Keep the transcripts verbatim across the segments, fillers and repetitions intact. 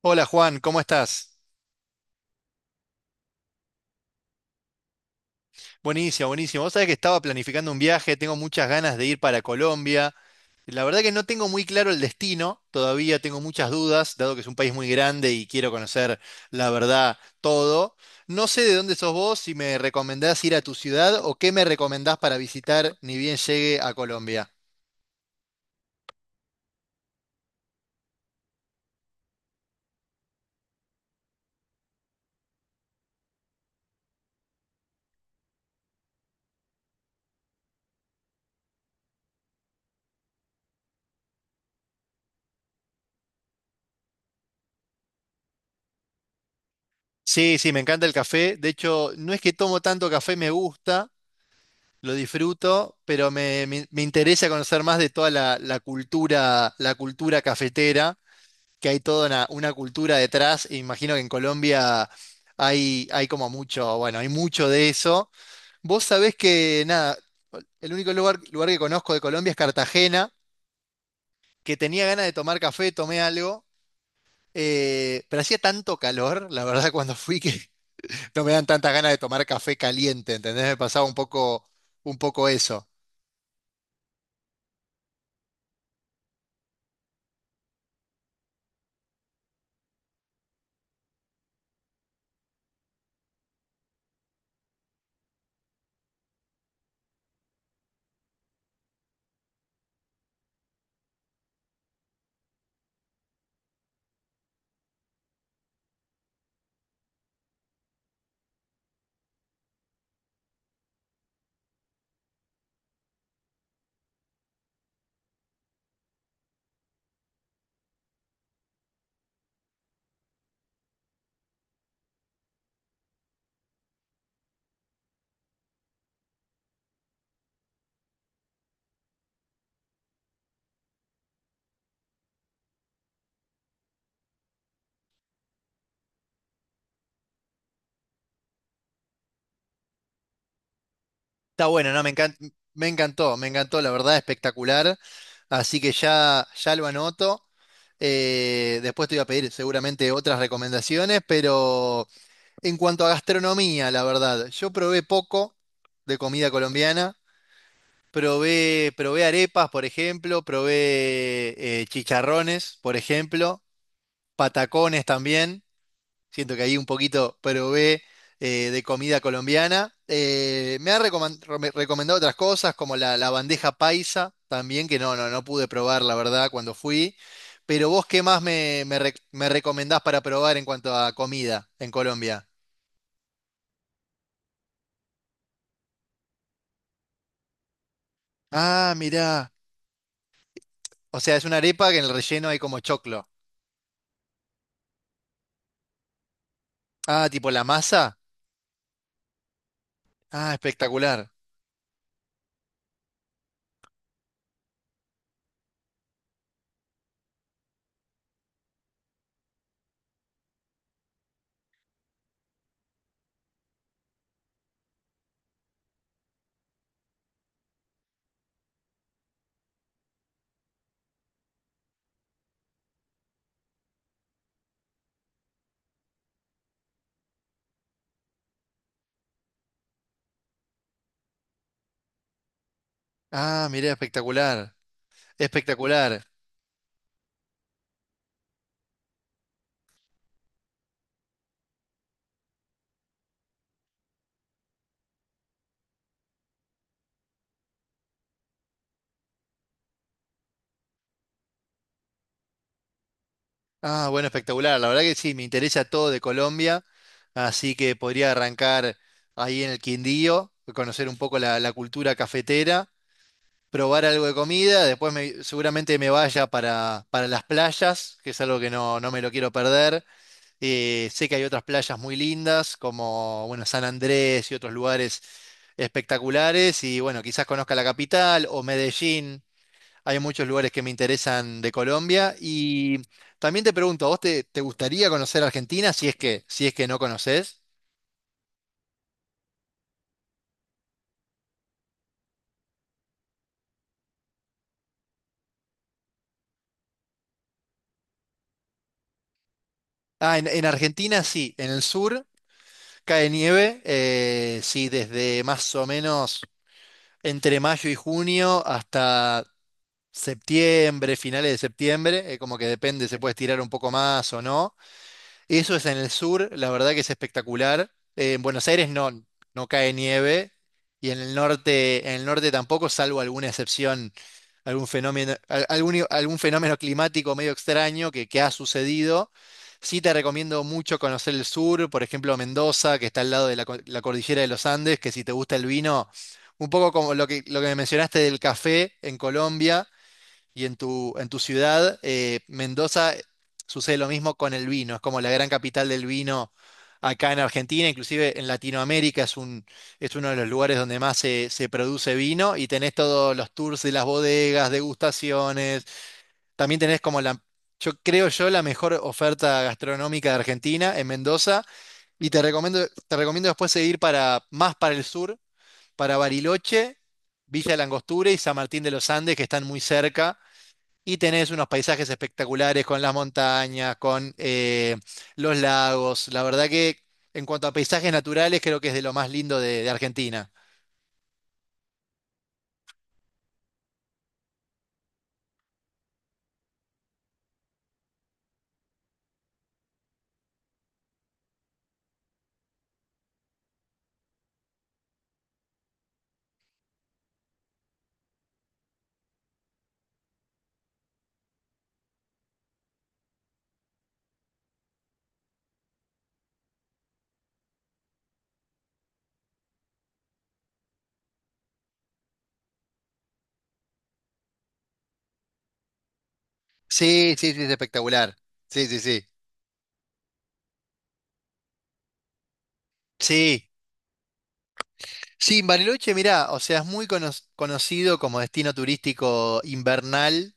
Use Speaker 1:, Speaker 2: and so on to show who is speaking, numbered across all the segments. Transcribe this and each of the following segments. Speaker 1: Hola Juan, ¿cómo estás? Buenísimo, buenísimo. Vos sabés que estaba planificando un viaje, tengo muchas ganas de ir para Colombia. La verdad que no tengo muy claro el destino, todavía tengo muchas dudas, dado que es un país muy grande y quiero conocer la verdad todo. No sé de dónde sos vos, si me recomendás ir a tu ciudad o qué me recomendás para visitar ni bien llegue a Colombia. Sí, sí, me encanta el café. De hecho, no es que tomo tanto café, me gusta, lo disfruto, pero me, me- me interesa conocer más de toda la, la cultura, la cultura cafetera, que hay toda una, una cultura detrás, e imagino que en Colombia hay, hay como mucho, bueno, hay mucho de eso. Vos sabés que nada, el único lugar, lugar que conozco de Colombia es Cartagena, que tenía ganas de tomar café, tomé algo. Eh, pero hacía tanto calor, la verdad, cuando fui que no me dan tantas ganas de tomar café caliente, ¿entendés? Me pasaba un poco, un poco eso. Está bueno, ¿no? Me encan- me encantó, me encantó, la verdad, espectacular. Así que ya, ya lo anoto. Eh, después te voy a pedir seguramente otras recomendaciones, pero en cuanto a gastronomía, la verdad, yo probé poco de comida colombiana. Probé, probé arepas, por ejemplo, probé eh, chicharrones, por ejemplo, patacones también. Siento que ahí un poquito probé eh, de comida colombiana. Eh, me han recoman- rome- recomendado otras cosas, como la, la bandeja paisa también, que no, no, no pude probar, la verdad, cuando fui. Pero vos, ¿qué más me, me rec- me recomendás para probar en cuanto a comida en Colombia? Ah, mirá. O sea, es una arepa que en el relleno hay como choclo. Ah, tipo la masa. Ah, espectacular. Ah, mirá, espectacular. Espectacular. Ah, bueno, espectacular. La verdad que sí, me interesa todo de Colombia, así que podría arrancar ahí en el Quindío, conocer un poco la, la cultura cafetera, probar algo de comida, después me- seguramente me vaya para, para las playas, que es algo que no, no me lo quiero perder. Eh, sé que hay otras playas muy lindas, como bueno, San Andrés y otros lugares espectaculares, y bueno, quizás conozca la capital o Medellín. Hay muchos lugares que me interesan de Colombia y también te pregunto, ¿a vos te, te gustaría conocer Argentina si es que, si es que no conocés? Ah, en, en Argentina sí, en el sur cae nieve, eh, sí, desde más o menos entre mayo y junio hasta septiembre, finales de septiembre, eh, como que depende, se puede estirar un poco más o no. Eso es en el sur, la verdad que es espectacular. Eh, en Buenos Aires no, no cae nieve y en el norte, en el norte tampoco, salvo alguna excepción, algún fenómeno, al- algún, i- algún fenómeno climático medio extraño que, que ha sucedido. Sí te recomiendo mucho conocer el sur, por ejemplo Mendoza, que está al lado de la, co- la cordillera de los Andes, que si te gusta el vino, un poco como lo que, lo que me mencionaste del café en Colombia. Y en tu, en tu ciudad, eh, Mendoza, sucede lo mismo con el vino. Es como la gran capital del vino acá en Argentina, inclusive en Latinoamérica es un, es uno de los lugares donde más se, se produce vino y tenés todos los tours de las bodegas, degustaciones. También tenés como la, yo creo yo, la mejor oferta gastronómica de Argentina en Mendoza. Y te recomiendo, te recomiendo después seguir para, más para el sur, para Bariloche. Villa de la Angostura y San Martín de los Andes, que están muy cerca, y tenés unos paisajes espectaculares con las montañas, con eh, los lagos. La verdad que en cuanto a paisajes naturales, creo que es de lo más lindo de, de Argentina. Sí, sí, sí, es espectacular. Sí, sí, sí. Sí. Sí, Bariloche, mirá, o sea, es muy cono- conocido como destino turístico invernal,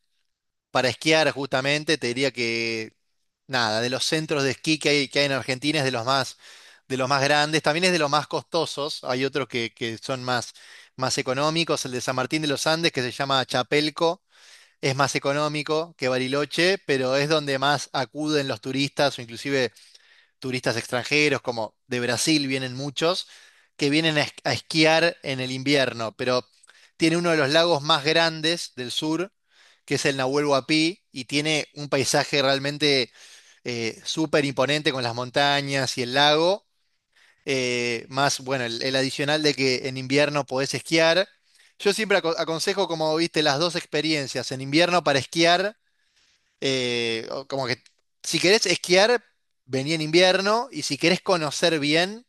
Speaker 1: para esquiar justamente, te diría que nada, de los centros de esquí que hay, que hay en Argentina es de los más, de los más grandes, también es de los más costosos, hay otros que, que son más, más económicos, el de San Martín de los Andes que se llama Chapelco, es más económico que Bariloche, pero es donde más acuden los turistas o inclusive turistas extranjeros, como de Brasil vienen muchos, que vienen a es- a esquiar en el invierno, pero tiene uno de los lagos más grandes del sur, que es el Nahuel Huapi, y tiene un paisaje realmente eh, súper imponente con las montañas y el lago, eh, más, bueno, el, el adicional de que en invierno podés esquiar. Yo siempre aco- aconsejo, como viste, las dos experiencias, en invierno para esquiar eh, o como que si querés esquiar, vení en invierno y si querés conocer bien,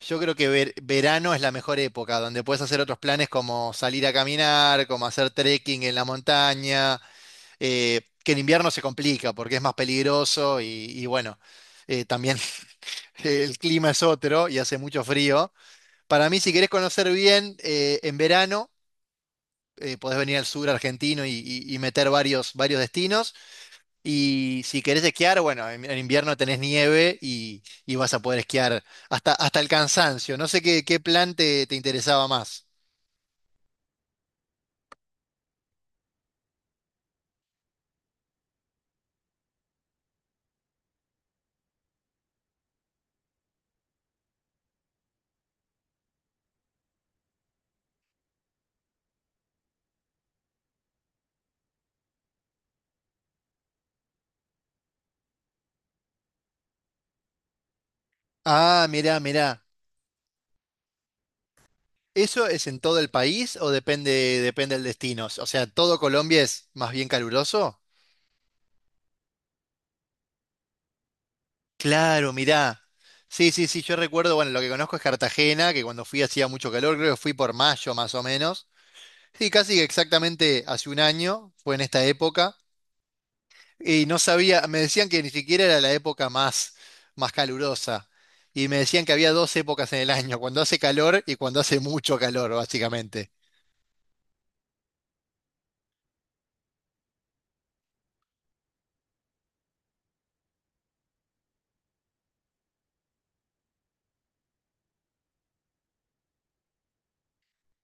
Speaker 1: yo creo que ver- verano es la mejor época, donde puedes hacer otros planes como salir a caminar, como hacer trekking en la montaña, eh, que en invierno se complica porque es más peligroso y, y bueno, eh, también el clima es otro y hace mucho frío. Para mí, si querés conocer bien, eh, en verano... eh, podés venir al sur argentino y, y- y meter varios, varios destinos. Y si querés esquiar, bueno, en, en invierno tenés nieve y, y vas a poder esquiar hasta, hasta el cansancio. No sé qué, qué plan te, te interesaba más. Ah, mirá, mirá. ¿Eso es en todo el país o depende, depende del destino? O sea, ¿todo Colombia es más bien caluroso? Claro, mirá. Sí, sí, sí, yo recuerdo, bueno, lo que conozco es Cartagena, que cuando fui hacía mucho calor, creo que fui por mayo más o menos. Sí, casi exactamente hace un año, fue en esta época. Y no sabía, me decían que ni siquiera era la época más, más calurosa. Y me decían que había dos épocas en el año, cuando hace calor y cuando hace mucho calor, básicamente.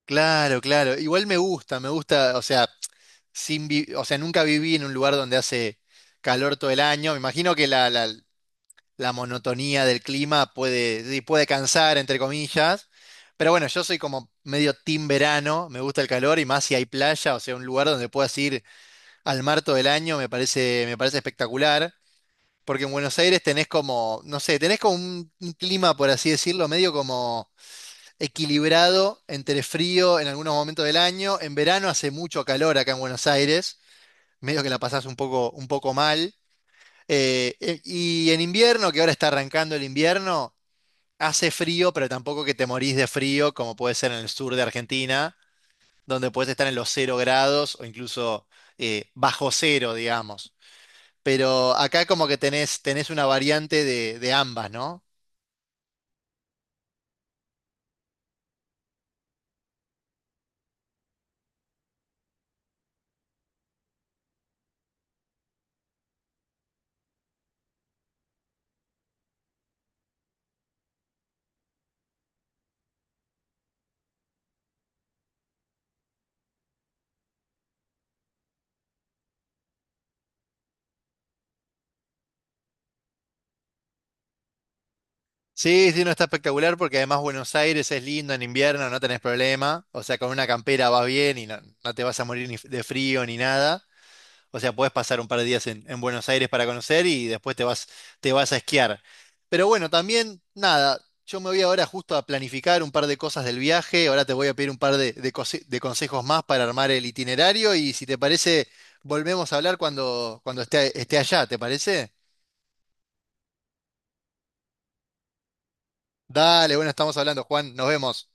Speaker 1: Claro, claro. Igual me gusta, me gusta, o sea, sin vi- o sea, nunca viví en un lugar donde hace calor todo el año. Me imagino que la, la- la monotonía del clima puede, sí, puede cansar, entre comillas. Pero bueno, yo soy como medio team verano, me gusta el calor y más si hay playa, o sea, un lugar donde puedas ir al mar todo el año me parece, me parece espectacular, porque en Buenos Aires tenés como, no sé, tenés como un, un clima, por así decirlo, medio como equilibrado entre frío en algunos momentos del año. En verano hace mucho calor acá en Buenos Aires, medio que la pasás un poco, un poco mal. Eh, eh, y en invierno, que ahora está arrancando el invierno, hace frío, pero tampoco que te morís de frío, como puede ser en el sur de Argentina, donde puedes estar en los cero grados o incluso eh, bajo cero, digamos, pero acá como que tenés, tenés una variante de, de ambas, ¿no? Sí, sí, no está espectacular porque además Buenos Aires es lindo en invierno, no tenés problema, o sea, con una campera vas bien y no, no te vas a morir ni de frío ni nada. O sea, podés pasar un par de días en, en Buenos Aires para conocer y después te vas, te vas a esquiar. Pero bueno, también, nada, yo me voy ahora justo a planificar un par de cosas del viaje. Ahora te voy a pedir un par de, de conse- de consejos más para armar el itinerario y si te parece, volvemos a hablar cuando, cuando esté, esté allá, ¿te parece? Dale, bueno, estamos hablando, Juan, nos vemos.